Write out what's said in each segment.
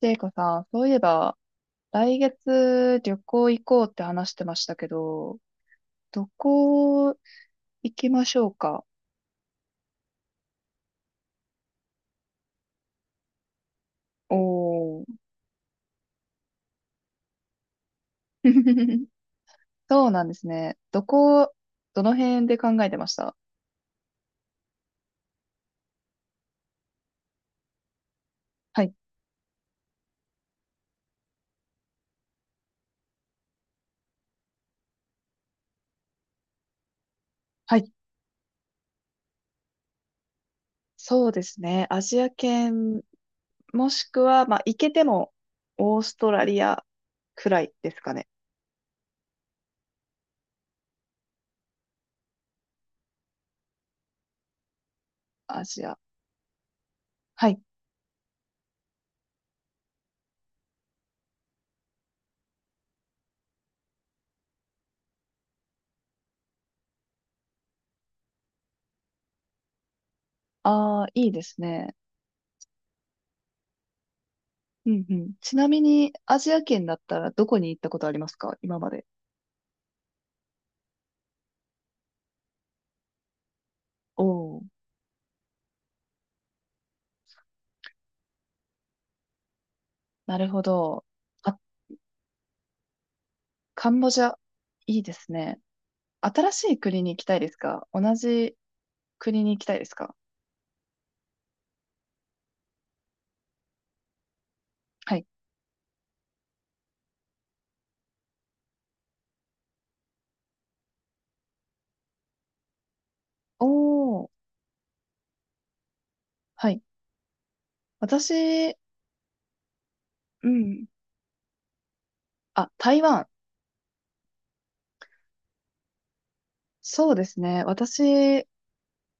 ジェイコさん、そういえば、来月旅行行こうって話してましたけど、どこ行きましょうか？おー。そうなんですね。どの辺で考えてました？はい。はい。そうですね。アジア圏、もしくは、まあ、行けても、オーストラリアくらいですかね。アジア。はい。ああ、いいですね。うんうん。ちなみに、アジア圏だったらどこに行ったことありますか、今まで。おおー。なるほど。あ、カンボジア、いいですね。新しい国に行きたいですか？同じ国に行きたいですか？はい。おー、はい。私、うん。あ、台湾。そうですね。私、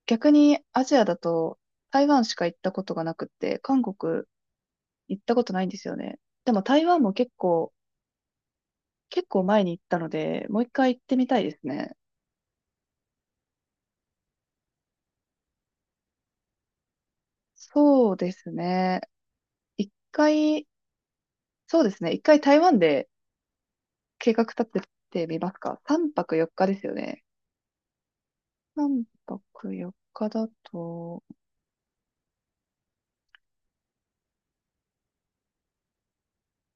逆にアジアだと台湾しか行ったことがなくって、韓国行ったことないんですよね。でも台湾も結構前に行ったので、もう一回行ってみたいですね。そうですね。一回、そうですね。一回台湾で計画立ててみますか ?3 泊4日ですよね。3泊4日だと、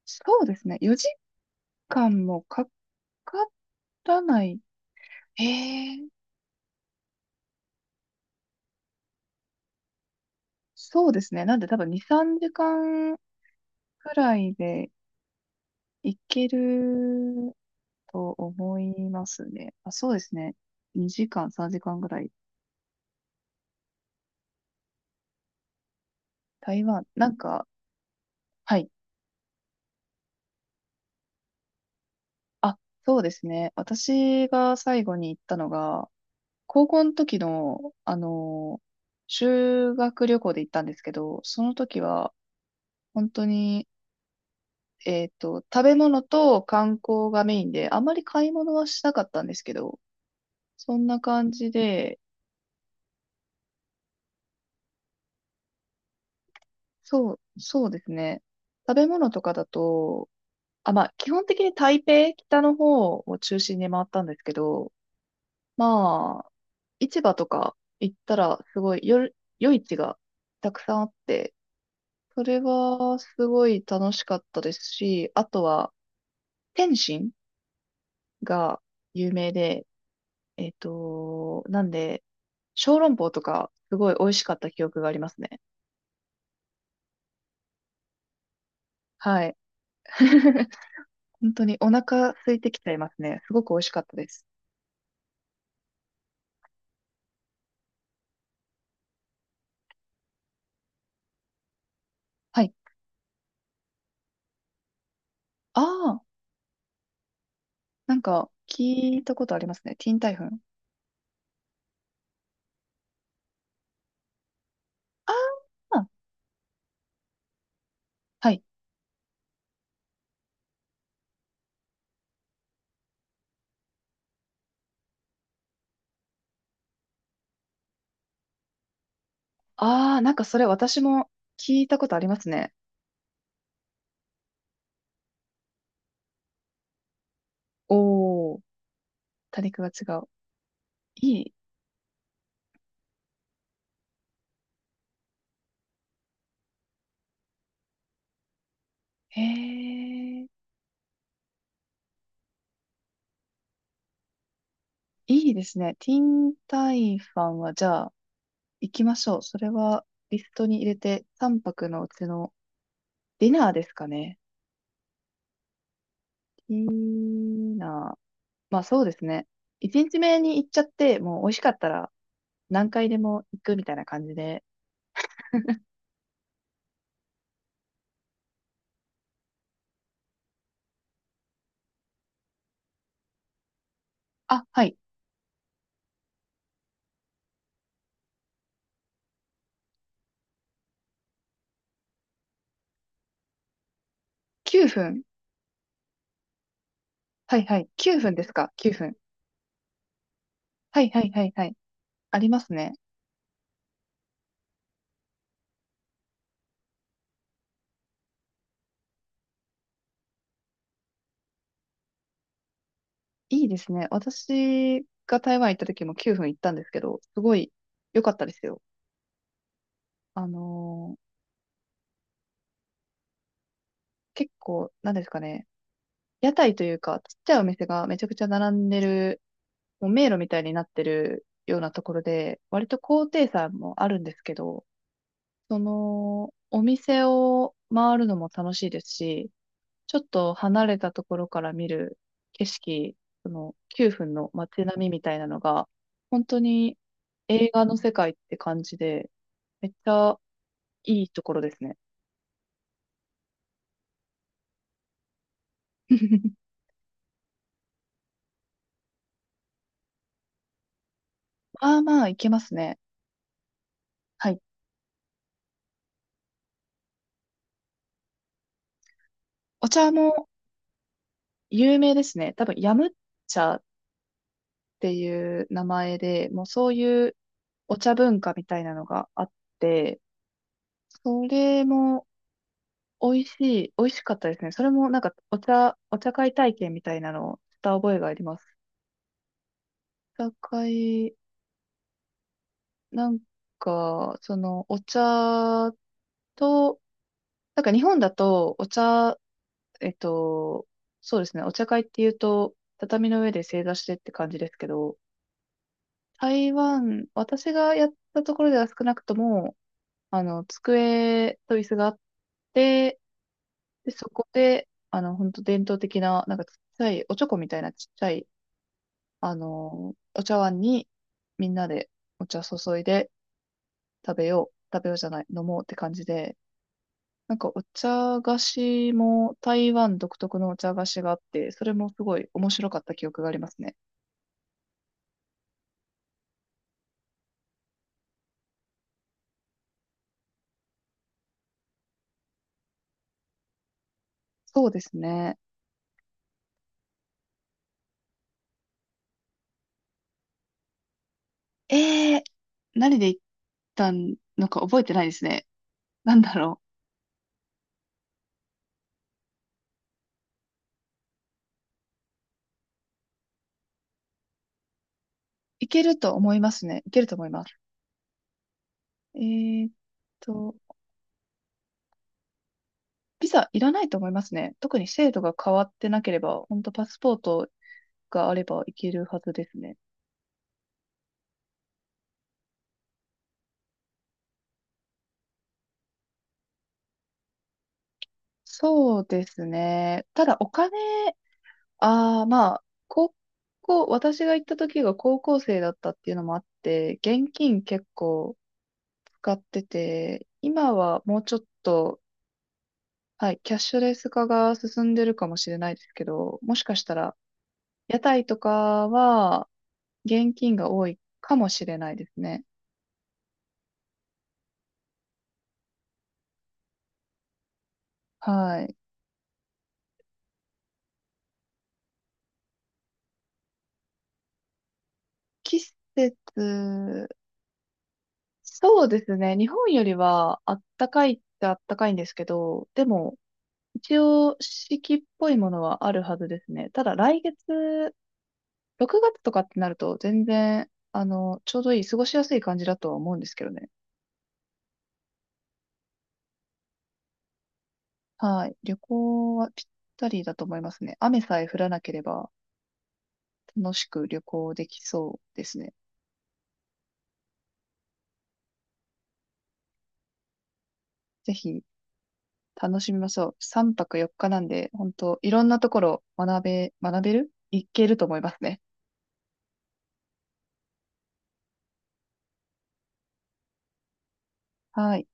そうですね。4時間もかからない。へえ、そうですね。なんで多分2、3時間くらいで行けると思いますね。あ、そうですね。2時間、3時間ぐらい。台湾、なんか、はい。あ、そうですね。私が最後に行ったのが、高校の時の、修学旅行で行ったんですけど、その時は、本当に、食べ物と観光がメインで、あまり買い物はしなかったんですけど、そんな感じで、そうですね。食べ物とかだと、あ、まあ、基本的に台北、北の方を中心に回ったんですけど、まあ、市場とか行ったら、すごい、夜市がたくさんあって、それはすごい楽しかったですし、あとは、天津が有名で、なんで、小籠包とかすごい美味しかった記憶がありますね。はい。本当にお腹空いてきちゃいますね。すごく美味しかったです。はい。ああ、なんか聞いたことありますね。ティーンタイフン。ああ、はい。ああ、なんかそれ私も聞いたことありますね。おー、多肉が違う。いい。へえ。いいですね。ティンタイファンは、じゃあ、行きましょう。それは、リストに入れて、3泊のうちのディナーですかね。ディナー。まあ、そうですね。1日目に行っちゃって、もう美味しかったら何回でも行くみたいな感じで。あ、はい。9分。はいはい。9分ですか？9分。はいはいはいはい。ありますね。いいですね。私が台湾行った時も9分行ったんですけど、すごい良かったですよ。あのー結構、なんですかね。屋台というか、ちっちゃいお店がめちゃくちゃ並んでる、もう迷路みたいになってるようなところで、割と高低差もあるんですけど、お店を回るのも楽しいですし、ちょっと離れたところから見る景色、その9分の街並みみたいなのが、本当に映画の世界って感じで、めっちゃいいところですね。まあまあ、いけますね。はい。お茶も有名ですね。多分、ヤム茶っていう名前で、もうそういうお茶文化みたいなのがあって、それも美味し美味しかったですね。それもなんかお茶会体験みたいなのをした覚えがあります。お茶会、なんか、そのお茶と、なんか日本だとお茶、えっと、そうですね、お茶会っていうと、畳の上で正座してって感じですけど、台湾、私がやったところでは少なくとも、机と椅子があって、で、そこで、本当伝統的な、なんかちっちゃい、おちょこみたいなちっちゃい、お茶碗にみんなでお茶注いで食べよう、食べようじゃない、飲もうって感じで、なんかお茶菓子も台湾独特のお茶菓子があって、それもすごい面白かった記憶がありますね。そうですね。えー、何で行ったのか覚えてないですね。なんだろう。行けると思いますね。行けると思います。えーっと、ビザいらないと思いますね。特に制度が変わってなければ、本当パスポートがあればいけるはずですね。そうですね。ただお金、ああ、まあ、高校、私が行った時が高校生だったっていうのもあって、現金結構使ってて、今はもうちょっと、はい、キャッシュレス化が進んでるかもしれないですけど、もしかしたら、屋台とかは現金が多いかもしれないですね。はい。季節、そうですね。日本よりはあったかいってあったかいんですけど、でも一応四季っぽいものはあるはずですね。ただ来月、6月とかってなると全然、ちょうどいい、過ごしやすい感じだとは思うんですけどね。はい。旅行はぴったりだと思いますね。雨さえ降らなければ楽しく旅行できそうですね。ぜひ楽しみましょう。3泊4日なんで、本当いろんなところ学べるいけると思いますね。はい。